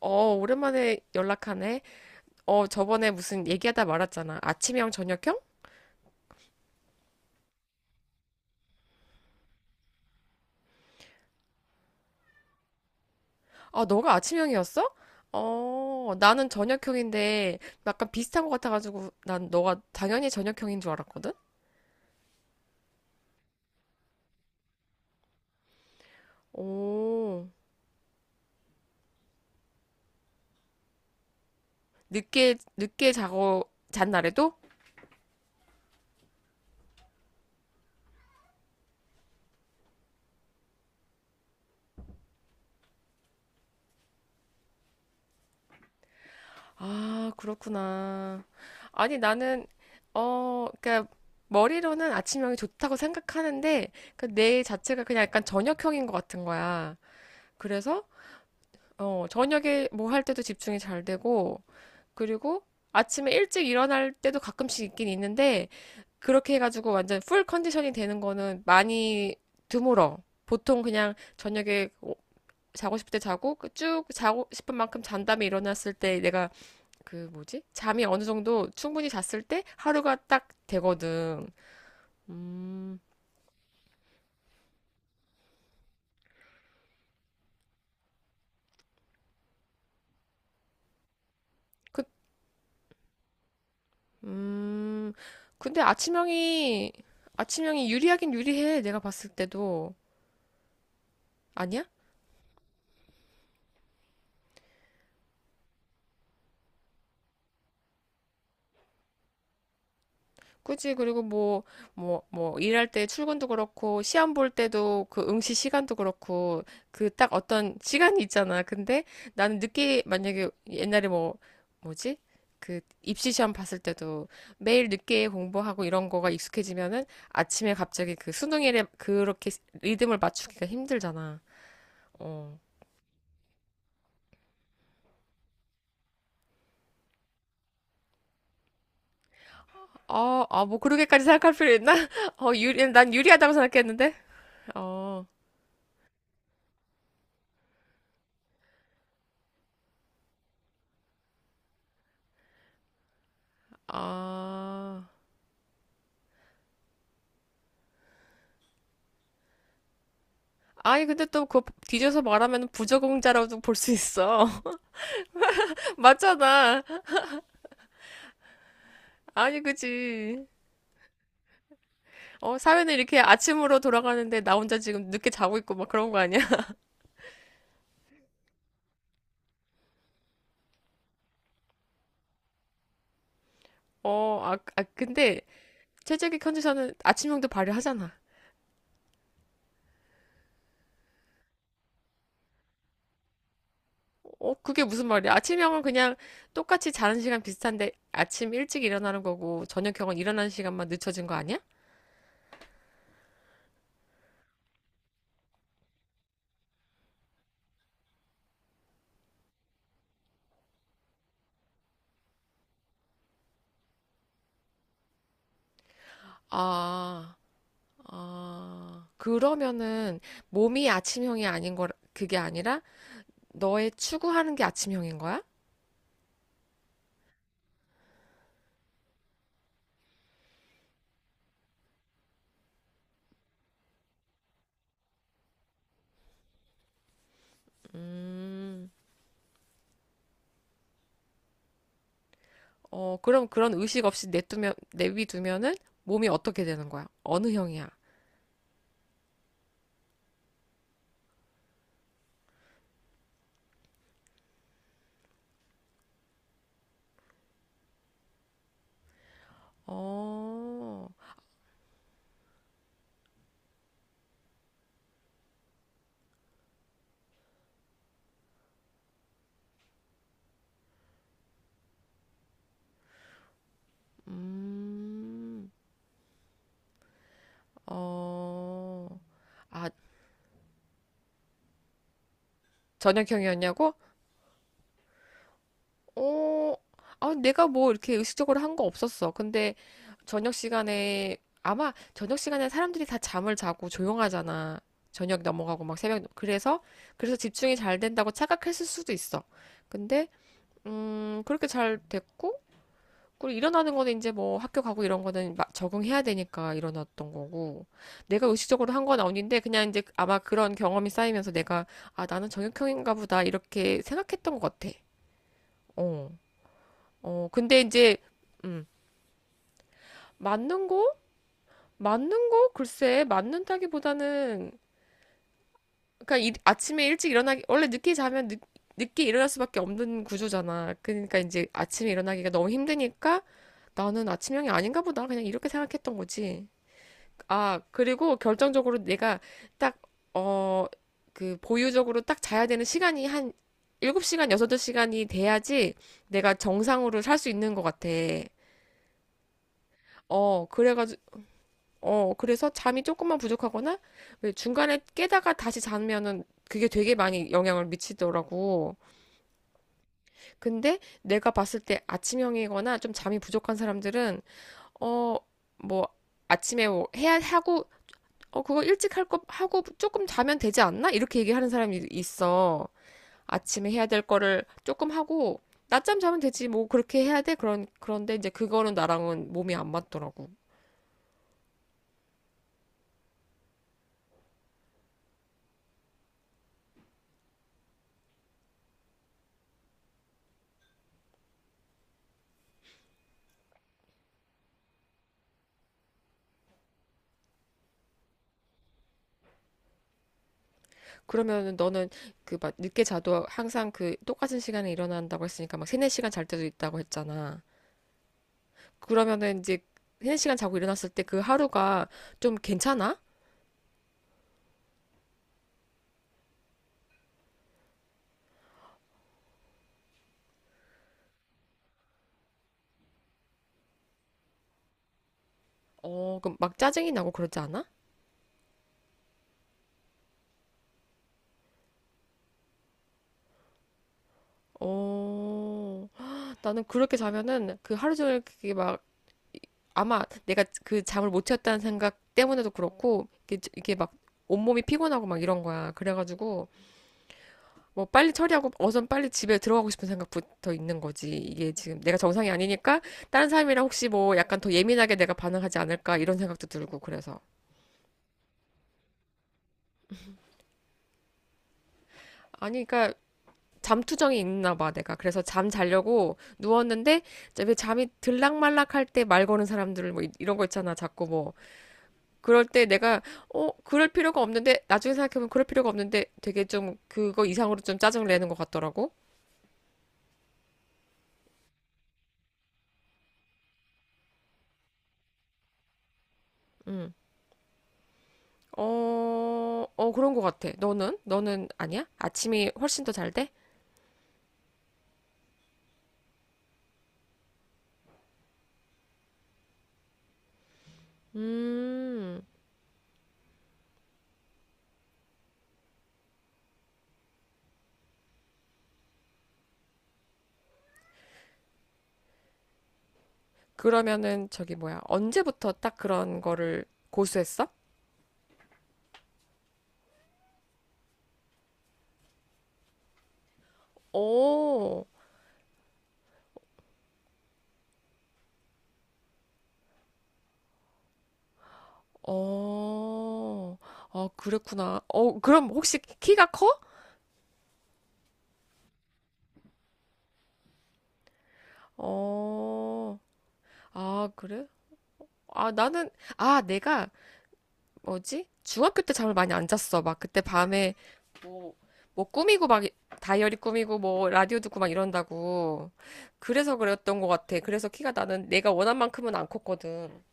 어, 오랜만에 연락하네. 어, 저번에 무슨 얘기하다 말았잖아. 아침형, 저녁형? 아, 너가 아침형이었어? 어, 나는 저녁형인데 약간 비슷한 것 같아가지고 난 너가 당연히 저녁형인 줄 알았거든? 오, 늦게 자고 잔 날에도? 아, 그렇구나. 아니, 나는, 그러니까 머리로는 아침형이 좋다고 생각하는데 그 내 자체가 그냥 약간 저녁형인 것 같은 거야. 그래서 저녁에 뭐 할 때도 집중이 잘 되고, 그리고 아침에 일찍 일어날 때도 가끔씩 있긴 있는데, 그렇게 해가지고 완전 풀 컨디션이 되는 거는 많이 드물어. 보통 그냥 저녁에 자고 싶을 때 자고, 그쭉 자고 싶은 만큼 잔 다음에 일어났을 때 내가 그 뭐지? 잠이 어느 정도 충분히 잤을 때 하루가 딱 되거든. 음, 그, 음, 근데 아침형이 유리하긴 유리해. 내가 봤을 때도. 아니야? 그치. 그리고 뭐, 일할 때 출근도 그렇고, 시험 볼 때도 그 응시 시간도 그렇고, 그 딱 어떤 시간이 있잖아. 근데 나는 늦게, 만약에 옛날에 뭐지? 그 입시 시험 봤을 때도 매일 늦게 공부하고 이런 거가 익숙해지면은 아침에 갑자기 그 수능일에 그렇게 리듬을 맞추기가 힘들잖아. 어. 아, 아, 뭐 그렇게까지 생각할 필요 있나? 어, 난 유리하다고 생각했는데? 어, 아. 아니, 근데 또 그거 뒤져서 말하면 부적응자라고도 볼 수 있어. 맞잖아. 아니, 그지. 어, 사회는 이렇게 아침으로 돌아가는데 나 혼자 지금 늦게 자고 있고 막 그런 거 아니야? 어, 근데 최적의 컨디션은 아침형도 발휘하잖아. 어, 그게 무슨 말이야? 아침형은 그냥 똑같이 자는 시간 비슷한데 아침 일찍 일어나는 거고 저녁형은 일어나는 시간만 늦춰진 거 아니야? 아, 아, 그러면은 몸이 아침형이 아닌 거, 그게 아니라 너의 추구하는 게 아침형인 거야? 음, 그럼 그런 의식 없이 내비두면은 몸이 어떻게 되는 거야? 어느 형이야? 어, 음, 어, 아, 저녁형이었냐고? 어, 아, 내가 뭐 이렇게 의식적으로 한 거 없었어. 근데 저녁 시간에, 아마 저녁 시간에 사람들이 다 잠을 자고 조용하잖아. 저녁 넘어가고 막 새벽, 그래서, 그래서 집중이 잘 된다고 착각했을 수도 있어. 근데 그렇게 잘 됐고, 그리고 일어나는 거는 이제 뭐 학교 가고 이런 거는 막 적응해야 되니까 일어났던 거고, 내가 의식적으로 한 건 아닌데, 그냥 이제 아마 그런 경험이 쌓이면서 내가, 아, 나는 정형외과인가 보다, 이렇게 생각했던 것 같아. 어, 어, 근데 이제, 음, 맞는 거? 맞는 거? 글쎄, 맞는다기보다는, 그러니까 아침에 일찍 일어나기 원래 늦게 자면 늦게 일어날 수밖에 없는 구조잖아. 그러니까 이제 아침에 일어나기가 너무 힘드니까 나는 아침형이 아닌가 보다 그냥 이렇게 생각했던 거지. 아, 그리고 결정적으로 내가 딱 어, 그 보유적으로 딱 자야 되는 시간이 한 7시간, 6시간이 돼야지 내가 정상으로 살 수 있는 것 같아. 어, 그래가지고 그래서 잠이 조금만 부족하거나 왜 중간에 깨다가 다시 자면은 그게 되게 많이 영향을 미치더라고. 근데 내가 봤을 때 아침형이거나 좀 잠이 부족한 사람들은 어, 뭐 아침에 뭐 해야 하고 어, 그거 일찍 할 거 하고 조금 자면 되지 않나? 이렇게 얘기하는 사람이 있어. 아침에 해야 될 거를 조금 하고 낮잠 자면 되지. 뭐 그렇게 해야 돼. 그런데 이제 그거는 나랑은 몸이 안 맞더라고. 그러면은 너는 그 막 늦게 자도 항상 그 똑같은 시간에 일어난다고 했으니까 막 세네 시간 잘 때도 있다고 했잖아. 그러면은 이제 세네 시간 자고 일어났을 때 그 하루가 좀 괜찮아? 어, 그럼 막 짜증이 나고 그러지 않아? 어, 나는 그렇게 자면은 그 하루 종일 그게 막 아마 내가 그 잠을 못 잤다는 생각 때문에도 그렇고 이게 막 온몸이 피곤하고 막 이런 거야. 그래가지고 뭐 빨리 처리하고 어선 빨리 집에 들어가고 싶은 생각부터 있는 거지. 이게 지금 내가 정상이 아니니까 다른 사람이랑 혹시 뭐 약간 더 예민하게 내가 반응하지 않을까 이런 생각도 들고 그래서. 아니 그러니까 잠투정이 있나 봐 내가. 그래서 잠 자려고 누웠는데 이제 왜 잠이 들락말락할 때 말 거는 사람들 뭐 이런 거 있잖아. 자꾸 뭐 그럴 때 내가 그럴 필요가 없는데 나중에 생각해보면 그럴 필요가 없는데 되게 좀 그거 이상으로 좀 짜증을 내는 것 같더라고. 음. 어, 어, 그런 것 같아. 너는? 너는 아니야? 아침이 훨씬 더 잘 돼? 음, 그러면은 저기 뭐야. 언제부터 딱 그런 거를 고수했어? 오, 어, 어, 그랬구나. 어, 그럼 혹시 키가 커? 어, 아, 그래? 아, 나는, 아, 내가 뭐지? 중학교 때 잠을 많이 안 잤어. 막 그때 밤에 뭐, 뭐 꾸미고 막 다이어리 꾸미고 뭐 라디오 듣고 막 이런다고. 그래서 그랬던 것 같아. 그래서 키가 나는 내가 원한 만큼은 안 컸거든.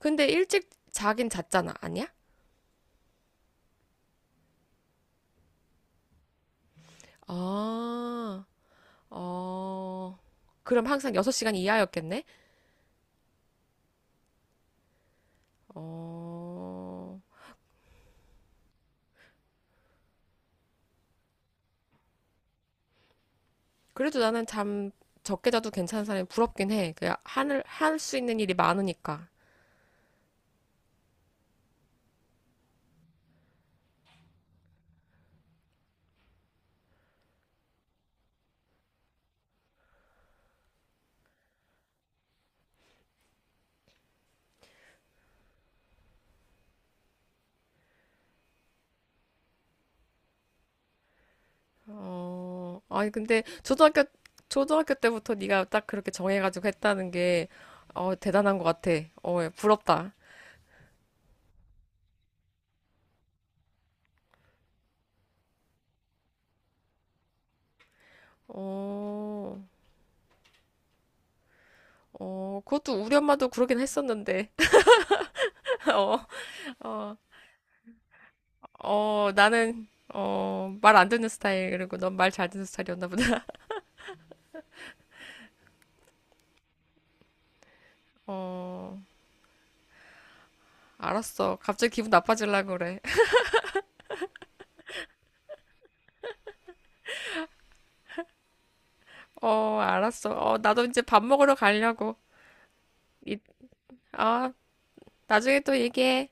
근데 일찍 자긴 잤잖아. 아니야? 아, 어, 그럼 항상 6시간 이하였겠네? 어, 그래도 나는 잠 적게 자도 괜찮은 사람이 부럽긴 해. 그냥 할 수 있는 일이 많으니까. 어, 아니 근데 초등학교 때부터 네가 딱 그렇게 정해가지고 했다는 게 대단한 것 같아. 어, 예, 부럽다. 어, 어, 그것도 우리 엄마도 그러긴 했었는데. 어, 어, 어, 나는 말 안 듣는 스타일 그리고 넌 말 잘 듣는 스타일이었나 보다. 어, 알았어. 갑자기 기분 나빠지려고 그래. 어, 알았어. 어, 나도 이제 밥 먹으러 가려고. 이, 아, 나중에 또 얘기해.